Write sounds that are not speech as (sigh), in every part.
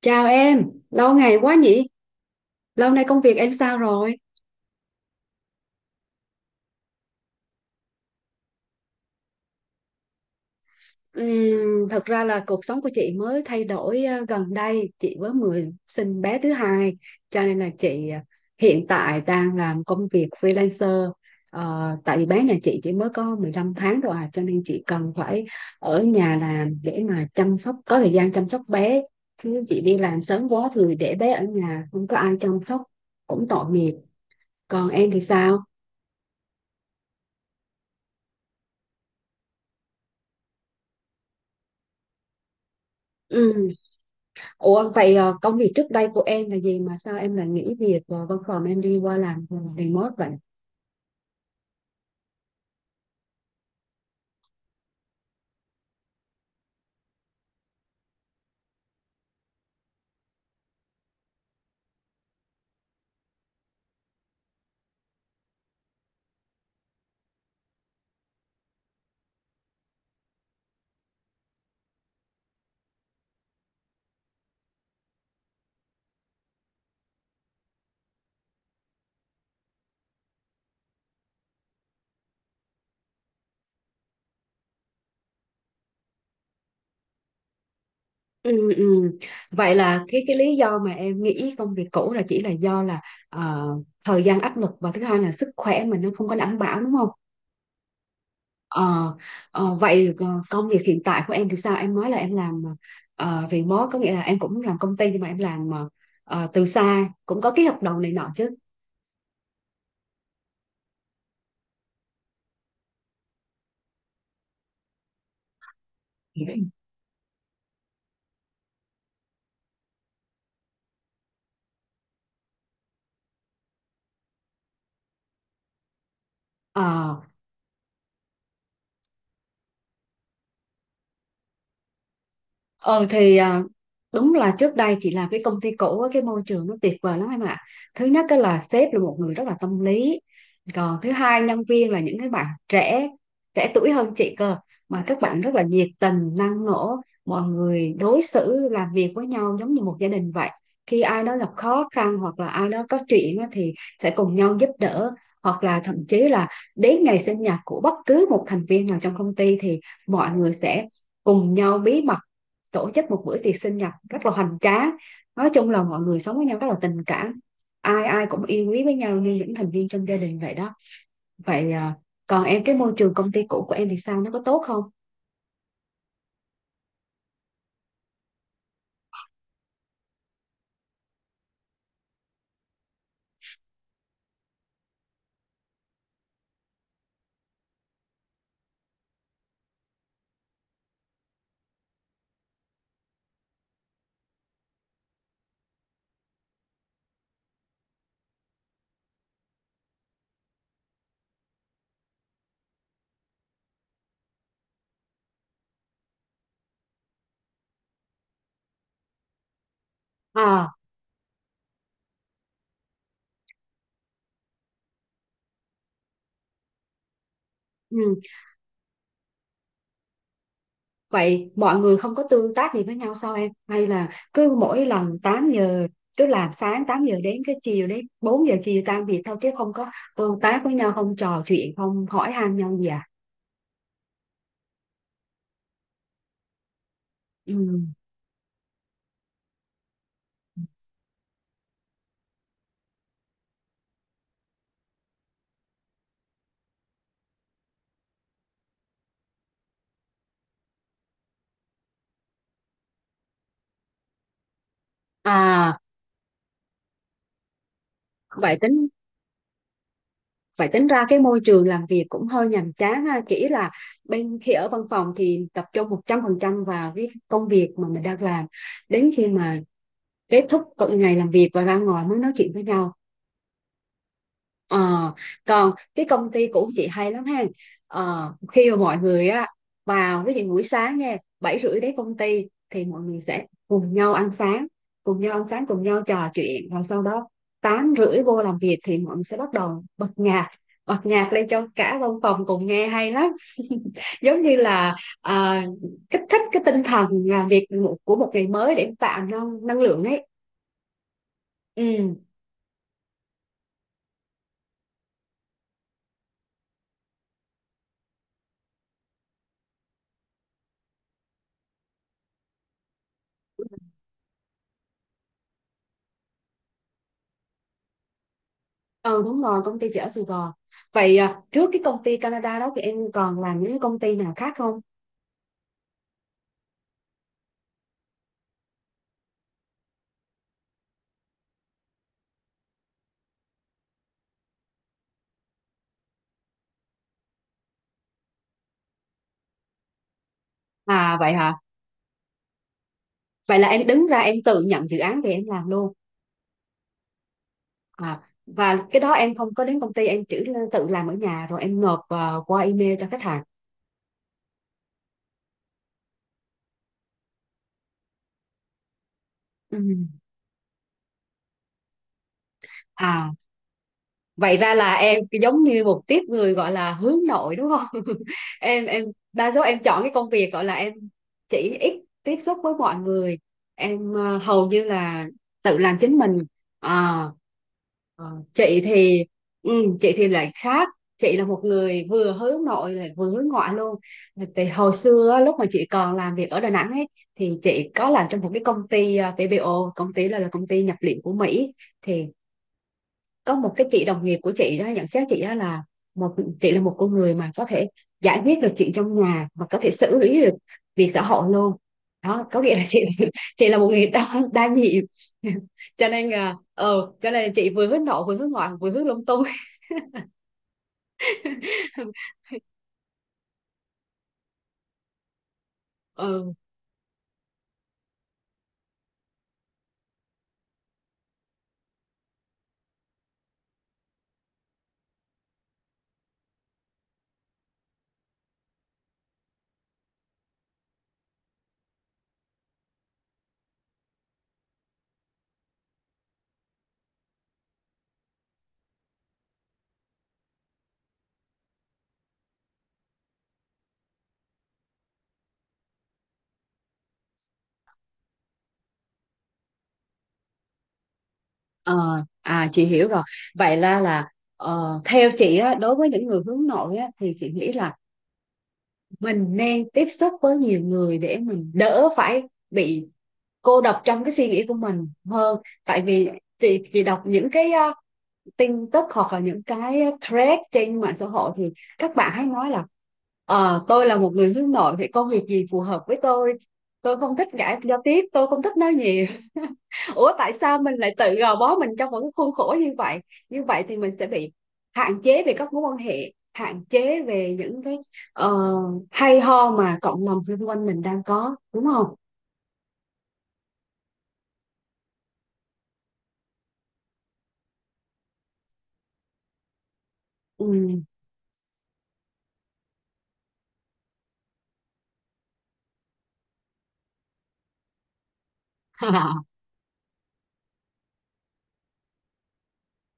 Chào em, lâu ngày quá nhỉ? Lâu nay công việc em sao rồi? Thật ra là cuộc sống của chị mới thay đổi gần đây, chị mới mới sinh bé thứ hai, cho nên là chị hiện tại đang làm công việc freelancer. Tại vì bé nhà chị chỉ mới có 15 tháng rồi à, cho nên chị cần phải ở nhà làm để mà chăm sóc, có thời gian chăm sóc bé. Chứ chị đi làm sớm quá thì để bé ở nhà, không có ai chăm sóc, cũng tội nghiệp. Còn em thì sao? Ủa vậy công việc trước đây của em là gì mà sao em lại nghỉ việc và văn phòng em đi qua làm remote vậy? Ừ, ừ. Vậy là cái lý do mà em nghỉ công việc cũ là chỉ là do là ờ, thời gian áp lực và thứ hai là sức khỏe mình nó không có đảm bảo đúng không? Ờ, vậy, công việc hiện tại của em thì sao? Em nói là em làm remote có nghĩa là em cũng làm công ty nhưng mà em làm từ xa cũng có ký hợp đồng này nọ chứ? Ờ. Ờ thì à, đúng là trước đây chị làm cái công ty cũ á, cái môi trường nó tuyệt vời lắm em ạ. Thứ nhất cái là sếp là một người rất là tâm lý. Còn thứ hai nhân viên là những cái bạn trẻ trẻ tuổi hơn chị cơ mà các bạn rất là nhiệt tình, năng nổ, mọi người đối xử làm việc với nhau giống như một gia đình vậy. Khi ai đó gặp khó khăn hoặc là ai đó có chuyện á thì sẽ cùng nhau giúp đỡ hoặc là thậm chí là đến ngày sinh nhật của bất cứ một thành viên nào trong công ty thì mọi người sẽ cùng nhau bí mật tổ chức một bữa tiệc sinh nhật rất là hoành tráng, nói chung là mọi người sống với nhau rất là tình cảm, ai ai cũng yêu quý với nhau như những thành viên trong gia đình vậy đó. Vậy à, còn em cái môi trường công ty cũ của em thì sao, nó có tốt không? À, ừ. Vậy mọi người không có tương tác gì với nhau sao em, hay là cứ mỗi lần 8 giờ, cứ làm sáng 8 giờ đến cái chiều đến 4 giờ chiều tan việc thôi chứ không có tương tác với nhau, không trò chuyện, không hỏi han nhau gì à? Ừ. à vậy tính Vậy tính ra cái môi trường làm việc cũng hơi nhàm chán ha. Chỉ là bên khi ở văn phòng thì tập trung 100% vào cái công việc mà mình đang làm. Đến khi mà kết thúc cận ngày làm việc và ra ngoài mới nói chuyện với nhau. Ờ, còn cái công ty của chị hay lắm ha. Khi mà mọi người á, vào ví dụ buổi sáng nha, 7:30 đến công ty thì mọi người sẽ cùng nhau ăn sáng cùng nhau trò chuyện, rồi sau đó 8:30 vô làm việc thì mọi người sẽ bắt đầu bật nhạc lên cho cả văn phòng cùng nghe hay lắm, giống như là à, kích thích cái tinh thần làm việc của một ngày mới để tạo năng năng lượng ấy. Ừ, ừ, đúng rồi, công ty chị ở Sài Gòn. Vậy à, trước cái công ty Canada đó thì em còn làm những cái công ty nào khác không? À vậy hả? Vậy là em đứng ra em tự nhận dự án về em làm luôn. À, và cái đó em không có đến công ty, em chỉ tự làm ở nhà rồi em nộp vào qua email cho khách hàng. Ừ. À, vậy ra là em giống như một tiếp người gọi là hướng nội đúng không? (laughs) Em, đa số em chọn cái công việc gọi là em chỉ ít tiếp xúc với mọi người. Em hầu như là tự làm chính mình. À. Ờ, chị thì chị thì lại khác, chị là một người vừa hướng nội lại vừa hướng ngoại luôn. Thì hồi xưa á, lúc mà chị còn làm việc ở Đà Nẵng ấy, thì chị có làm trong một cái công ty PBO, công ty là công ty nhập liệu của Mỹ. Thì có một cái chị đồng nghiệp của chị đó nhận xét chị đó là một chị là một con người mà có thể giải quyết được chuyện trong nhà và có thể xử lý được việc xã hội luôn, đó có nghĩa là chị (laughs) chị là một người đa nhiệm. (laughs) Cho nên chị vừa hướng nội vừa hướng ngoại vừa hướng lung tung. (laughs) ừ ờ à chị hiểu rồi. Vậy là theo chị á, đối với những người hướng nội á thì chị nghĩ là mình nên tiếp xúc với nhiều người để mình đỡ phải bị cô đọc trong cái suy nghĩ của mình hơn, tại vì chị đọc những cái tin tức hoặc là những cái thread trên mạng xã hội thì các bạn hay nói là tôi là một người hướng nội vậy công việc gì phù hợp với tôi không thích ngại giao tiếp, tôi không thích nói nhiều. (laughs) Ủa tại sao mình lại tự gò bó mình trong một cái khuôn khổ như vậy thì mình sẽ bị hạn chế về các mối quan hệ, hạn chế về những cái ờ, hay ho mà cộng đồng xung quanh mình đang có đúng không? Ừ. (laughs)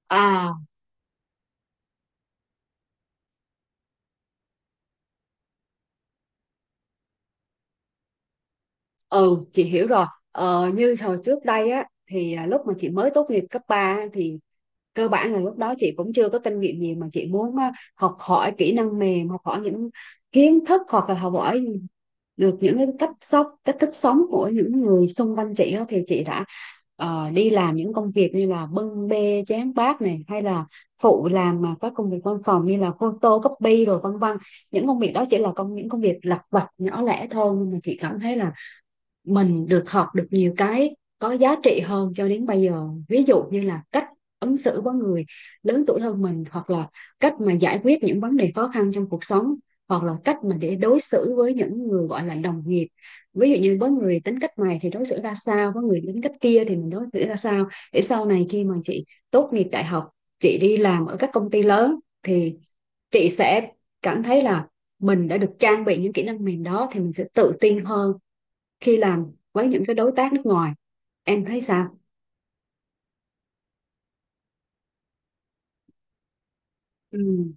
À, ừ, chị hiểu rồi. Như hồi trước đây á, thì lúc mà chị mới tốt nghiệp cấp 3 á, thì cơ bản là lúc đó chị cũng chưa có kinh nghiệm gì mà chị muốn á, học hỏi kỹ năng mềm, học hỏi những kiến thức hoặc là học hỏi được những cái cách sống, cách thức sống của những người xung quanh chị á, thì chị đã đi làm những công việc như là bưng bê chén bát này hay là phụ làm mà các công việc văn phòng như là photocopy rồi vân vân. Những công việc đó chỉ là những công việc lặt vặt nhỏ lẻ thôi nhưng mà chị cảm thấy là mình được học được nhiều cái có giá trị hơn cho đến bây giờ, ví dụ như là cách ứng xử với người lớn tuổi hơn mình hoặc là cách mà giải quyết những vấn đề khó khăn trong cuộc sống, hoặc là cách mà để đối xử với những người gọi là đồng nghiệp, ví dụ như với người tính cách này thì đối xử ra sao, với người tính cách kia thì mình đối xử ra sao, để sau này khi mà chị tốt nghiệp đại học chị đi làm ở các công ty lớn thì chị sẽ cảm thấy là mình đã được trang bị những kỹ năng mềm đó thì mình sẽ tự tin hơn khi làm với những cái đối tác nước ngoài. Em thấy sao? Ừ.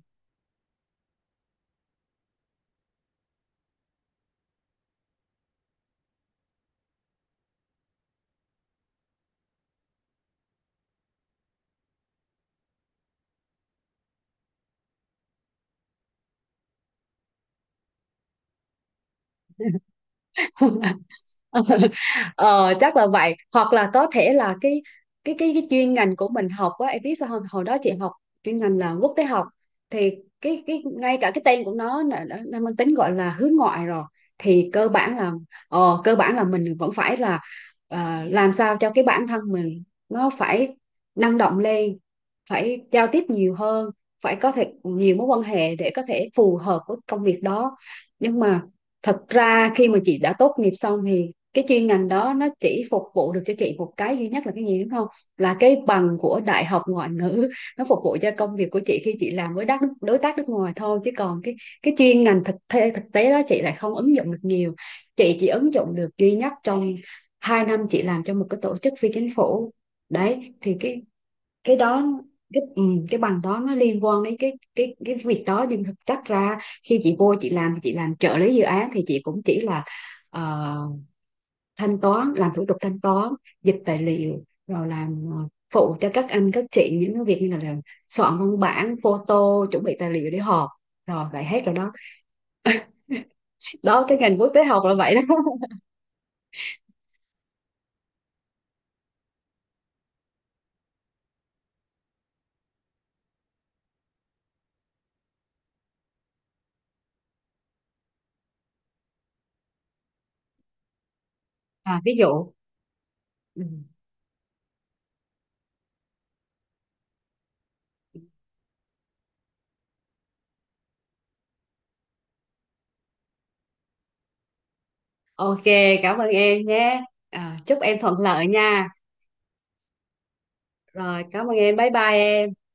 (laughs) ờ, Chắc là vậy hoặc là có thể là cái chuyên ngành của mình học á em biết sao không, hồi đó chị học chuyên ngành là quốc tế học, thì cái ngay cả cái tên của nó đã mang tính gọi là hướng ngoại rồi, thì cơ bản là cơ bản là mình vẫn phải là làm sao cho cái bản thân mình nó phải năng động lên, phải giao tiếp nhiều hơn, phải có thể nhiều mối quan hệ để có thể phù hợp với công việc đó. Nhưng mà thật ra khi mà chị đã tốt nghiệp xong thì cái chuyên ngành đó nó chỉ phục vụ được cho chị một cái duy nhất là cái gì đúng không, là cái bằng của đại học ngoại ngữ, nó phục vụ cho công việc của chị khi chị làm với đối tác nước ngoài thôi, chứ còn cái chuyên ngành thực tế đó chị lại không ứng dụng được nhiều, chị chỉ ứng dụng được duy nhất trong 2 năm chị làm cho một cái tổ chức phi chính phủ. Đấy thì cái đó cái ừ, cái bằng đó nó liên quan đến cái việc đó, nhưng thực chất ra khi chị vô chị làm thì chị làm trợ lý dự án thì chị cũng chỉ là ờ, thanh toán làm thủ tục thanh toán, dịch tài liệu rồi làm phụ cho các anh các chị những cái việc như là soạn văn bản photo chuẩn bị tài liệu để họp, rồi vậy hết rồi đó. Đó cái ngành quốc tế học là vậy đó. (laughs) À, ví dụ. Ừ. Ok, cảm ơn em nhé, à, chúc em thuận lợi nha, rồi cảm ơn em, bye bye em.